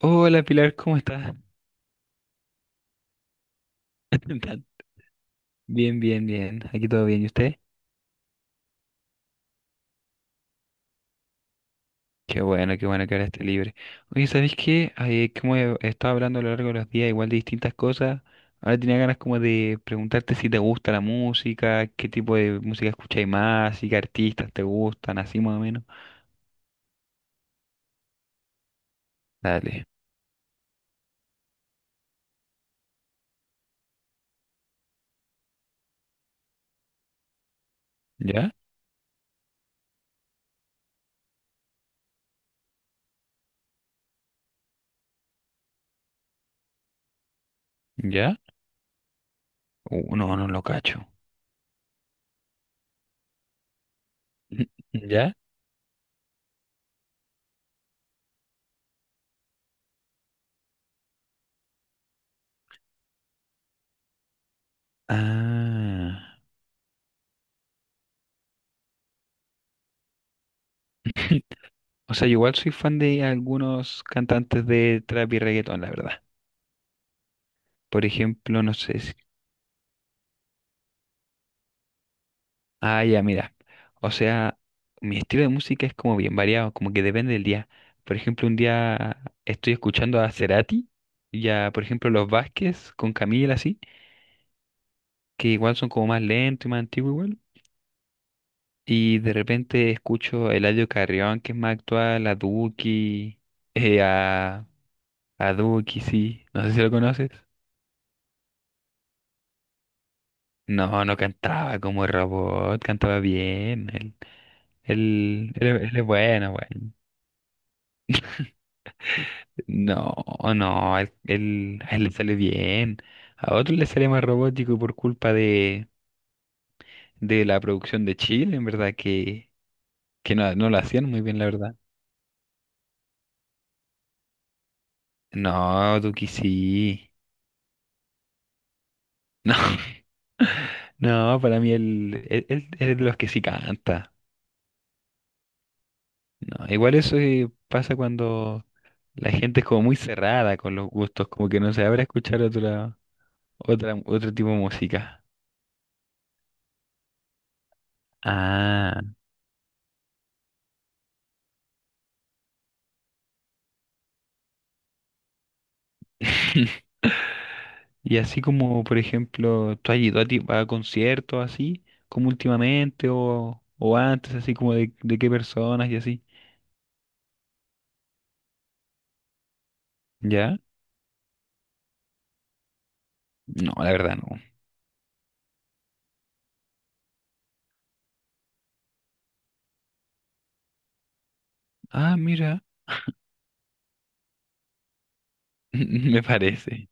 Hola Pilar, ¿cómo estás? Tan- Bien, bien, bien. Aquí todo bien. ¿Y usted? Qué bueno que ahora esté libre. Oye, ¿sabéis qué? Ay, como he estado hablando a lo largo de los días, igual de distintas cosas, ahora tenía ganas como de preguntarte si te gusta la música, qué tipo de música escucháis más, y qué artistas te gustan, así más o menos. Dale. ¿Ya? ¿Ya? No, no lo cacho. ¿Ya? Ah. O sea, yo igual soy fan de algunos cantantes de trap y reggaetón, la verdad. Por ejemplo, no sé si... Ah, ya, mira. O sea, mi estilo de música es como bien variado, como que depende del día. Por ejemplo, un día estoy escuchando a Cerati y a, por ejemplo, Los Vázquez con Camila, así, que igual son como más lentos y más antiguos igual. Y de repente escucho a Eladio Carrión, que es más actual, a Duki, eh, a, a Duki, sí. No sé si lo conoces. No, no cantaba como robot, cantaba bien. Es él es bueno, bueno. No, no, a él le sale bien. A otros le sale más robótico por culpa de la producción de Chile, en verdad, que no, no lo hacían muy bien, la verdad. No, Duki sí. No, no, para mí es de los que sí canta. No, igual eso pasa cuando la gente es como muy cerrada con los gustos, como que no se abre a escuchar otra, otra, otro tipo de música. Ah. Y así como, por ejemplo, ¿tú has ido a, a conciertos así, como últimamente o antes, así como de qué personas y así? ¿Ya? No, la verdad no. Ah, mira, me parece.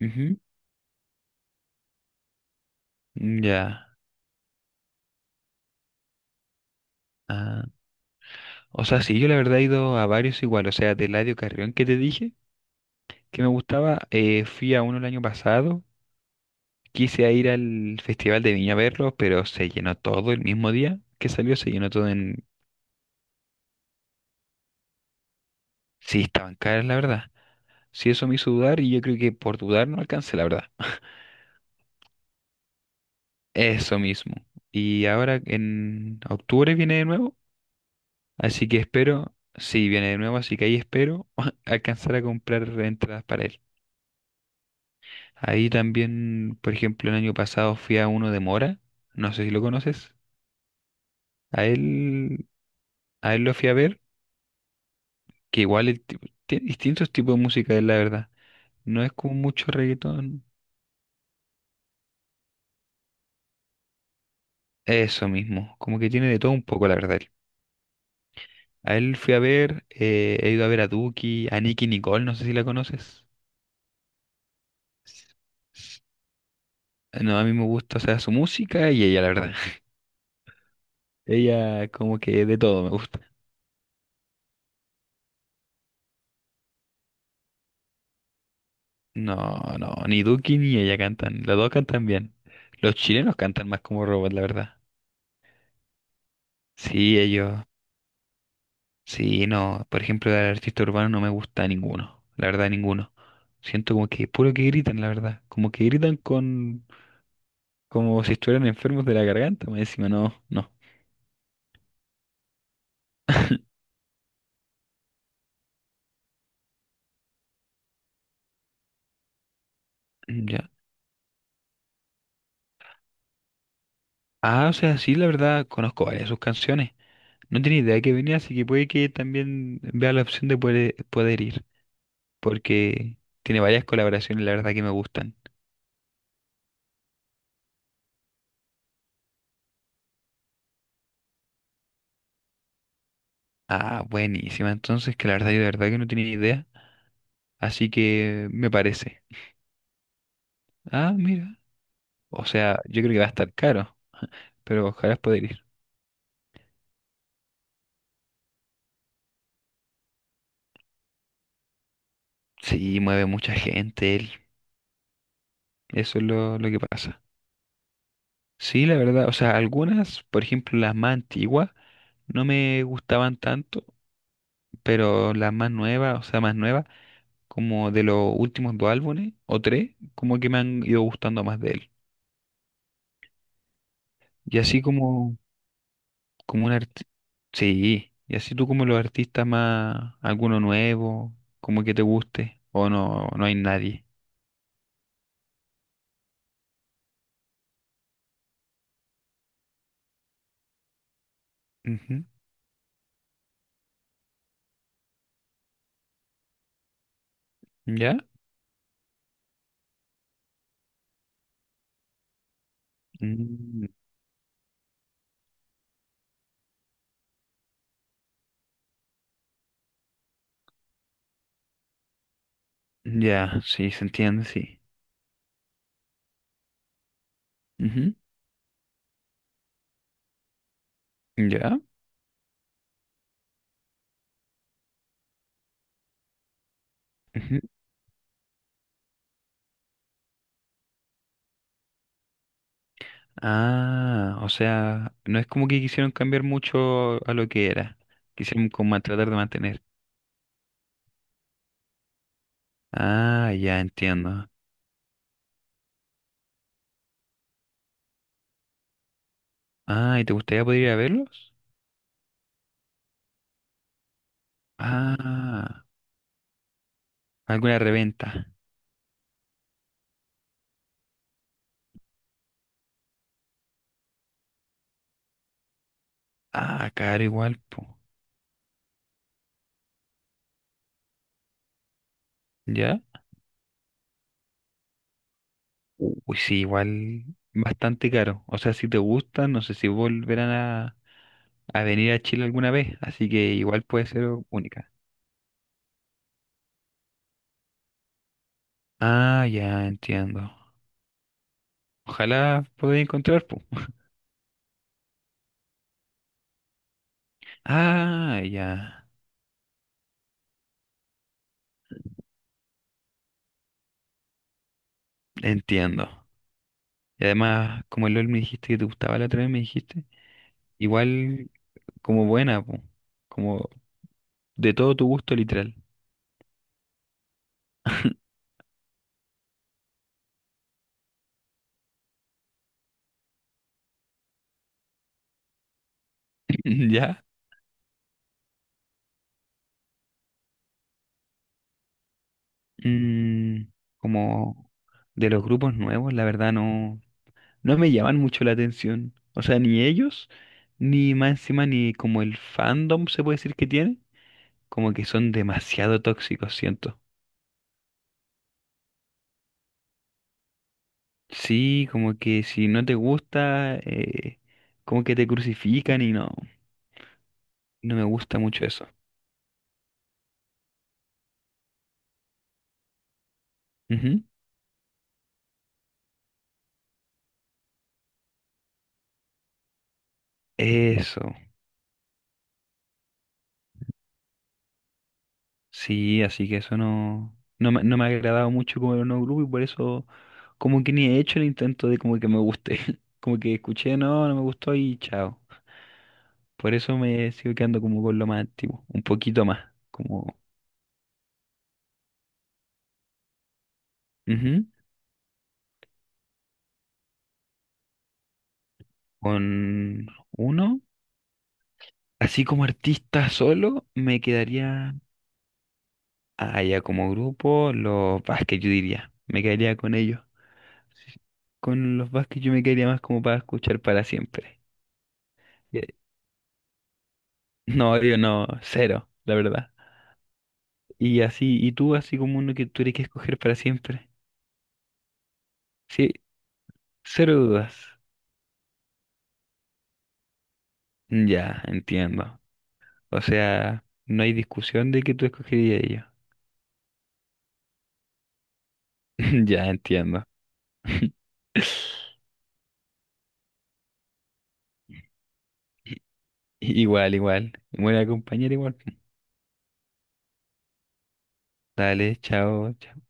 Ujú. Ya. Ah, o sea, sí, yo la verdad he ido a varios igual, o sea, de Eladio Carrión que te dije, que me gustaba, fui a uno el año pasado, quise ir al Festival de Viña a verlo, pero se llenó todo el mismo día que salió, se llenó todo. Sí, estaban caras, la verdad. Sí, eso me hizo dudar y yo creo que por dudar no alcancé, la verdad. Eso mismo. Y ahora en octubre viene de nuevo, así que espero, sí, viene de nuevo, así que ahí espero alcanzar a comprar entradas para él. Ahí también, por ejemplo, el año pasado fui a uno de Mora, no sé si lo conoces. A él, a él lo fui a ver, que igual el tiene distintos tipos de música, él, la verdad. No es como mucho reggaetón. Eso mismo, como que tiene de todo un poco, la verdad. A él fui a ver, he ido a ver a Duki, a Nicki Nicole, no sé si la conoces. No, a mí me gusta, o sea, su música y ella, la verdad. Ella como que de todo me gusta. No, no, ni Duki ni ella cantan, los dos cantan bien. Los chilenos cantan más como robot, la verdad. Sí, ellos, sí, no, por ejemplo, del artista urbano no me gusta ninguno, la verdad, ninguno. Siento como que puro que gritan, la verdad, como que gritan con, como si estuvieran enfermos de la garganta, más encima, no, no. Ya. Ah, o sea, sí, la verdad, conozco varias de sus canciones. No tenía idea que venía, así que puede que también vea la opción de poder, poder ir, porque tiene varias colaboraciones, la verdad, que me gustan. Ah, buenísima, entonces, que la verdad, yo de verdad que no tenía idea, así que me parece. Ah, mira, o sea, yo creo que va a estar caro, pero ojalá poder ir. Sí, mueve mucha gente él, eso es lo que pasa. Sí, la verdad, o sea, algunas, por ejemplo, las más antiguas, no me gustaban tanto, pero las más nuevas, o sea, más nuevas, como de los últimos dos álbumes o tres, como que me han ido gustando más de él. Y así como, como un artista, sí, y así tú como los artistas más, alguno nuevo, como que te guste, o no, no hay nadie. Ujú. ¿Ya? Mm, ya, sí, se entiende, sí. Ujú. ¿Ya? Ujú. Ah, o sea, no es como que quisieron cambiar mucho a lo que era, quisieron como tratar de mantener. Ah, ya entiendo. Ah, ¿y te gustaría poder ir a verlos? Ah, alguna reventa. Ah, caro igual, po. ¿Ya? Uy, sí, igual bastante caro. O sea, si te gustan, no sé si volverán a venir a Chile alguna vez, así que igual puede ser única. Ah, ya entiendo. Ojalá podáis encontrar, po. Ah, ya entiendo. Y además, como el LOL me dijiste que te gustaba la otra vez, me dijiste, igual como buena, po. Como de todo tu gusto literal. ¿Ya? Mm, como de los grupos nuevos, la verdad no, no me llaman mucho la atención. O sea, ni ellos, ni más encima, ni como el fandom se puede decir que tiene, como que son demasiado tóxicos, siento. Sí, como que si no te gusta, como que te crucifican y no, no me gusta mucho eso. Ujú. Eso. Sí, así que eso no, no me, no me ha agradado mucho como el nuevo grupo y por eso como que ni he hecho el intento de como que me guste. Como que escuché, no, no me gustó y chao. Por eso me sigo quedando como con lo más antiguo, un poquito más, como ujú, con uno. Así como artista solo, me quedaría, ah, ya como grupo, los Vázquez yo diría, me quedaría con ellos. Sí, con los Vázquez yo me quedaría más como para escuchar para siempre. No, yo no, cero, la verdad. Y así, y tú así como uno que tuviera que escoger para siempre. Sí, cero dudas. Ya, entiendo. O sea, no hay discusión de que tú escogerías ello. Ya, entiendo. Igual, igual. Buena compañera, igual. Dale, chao, chao.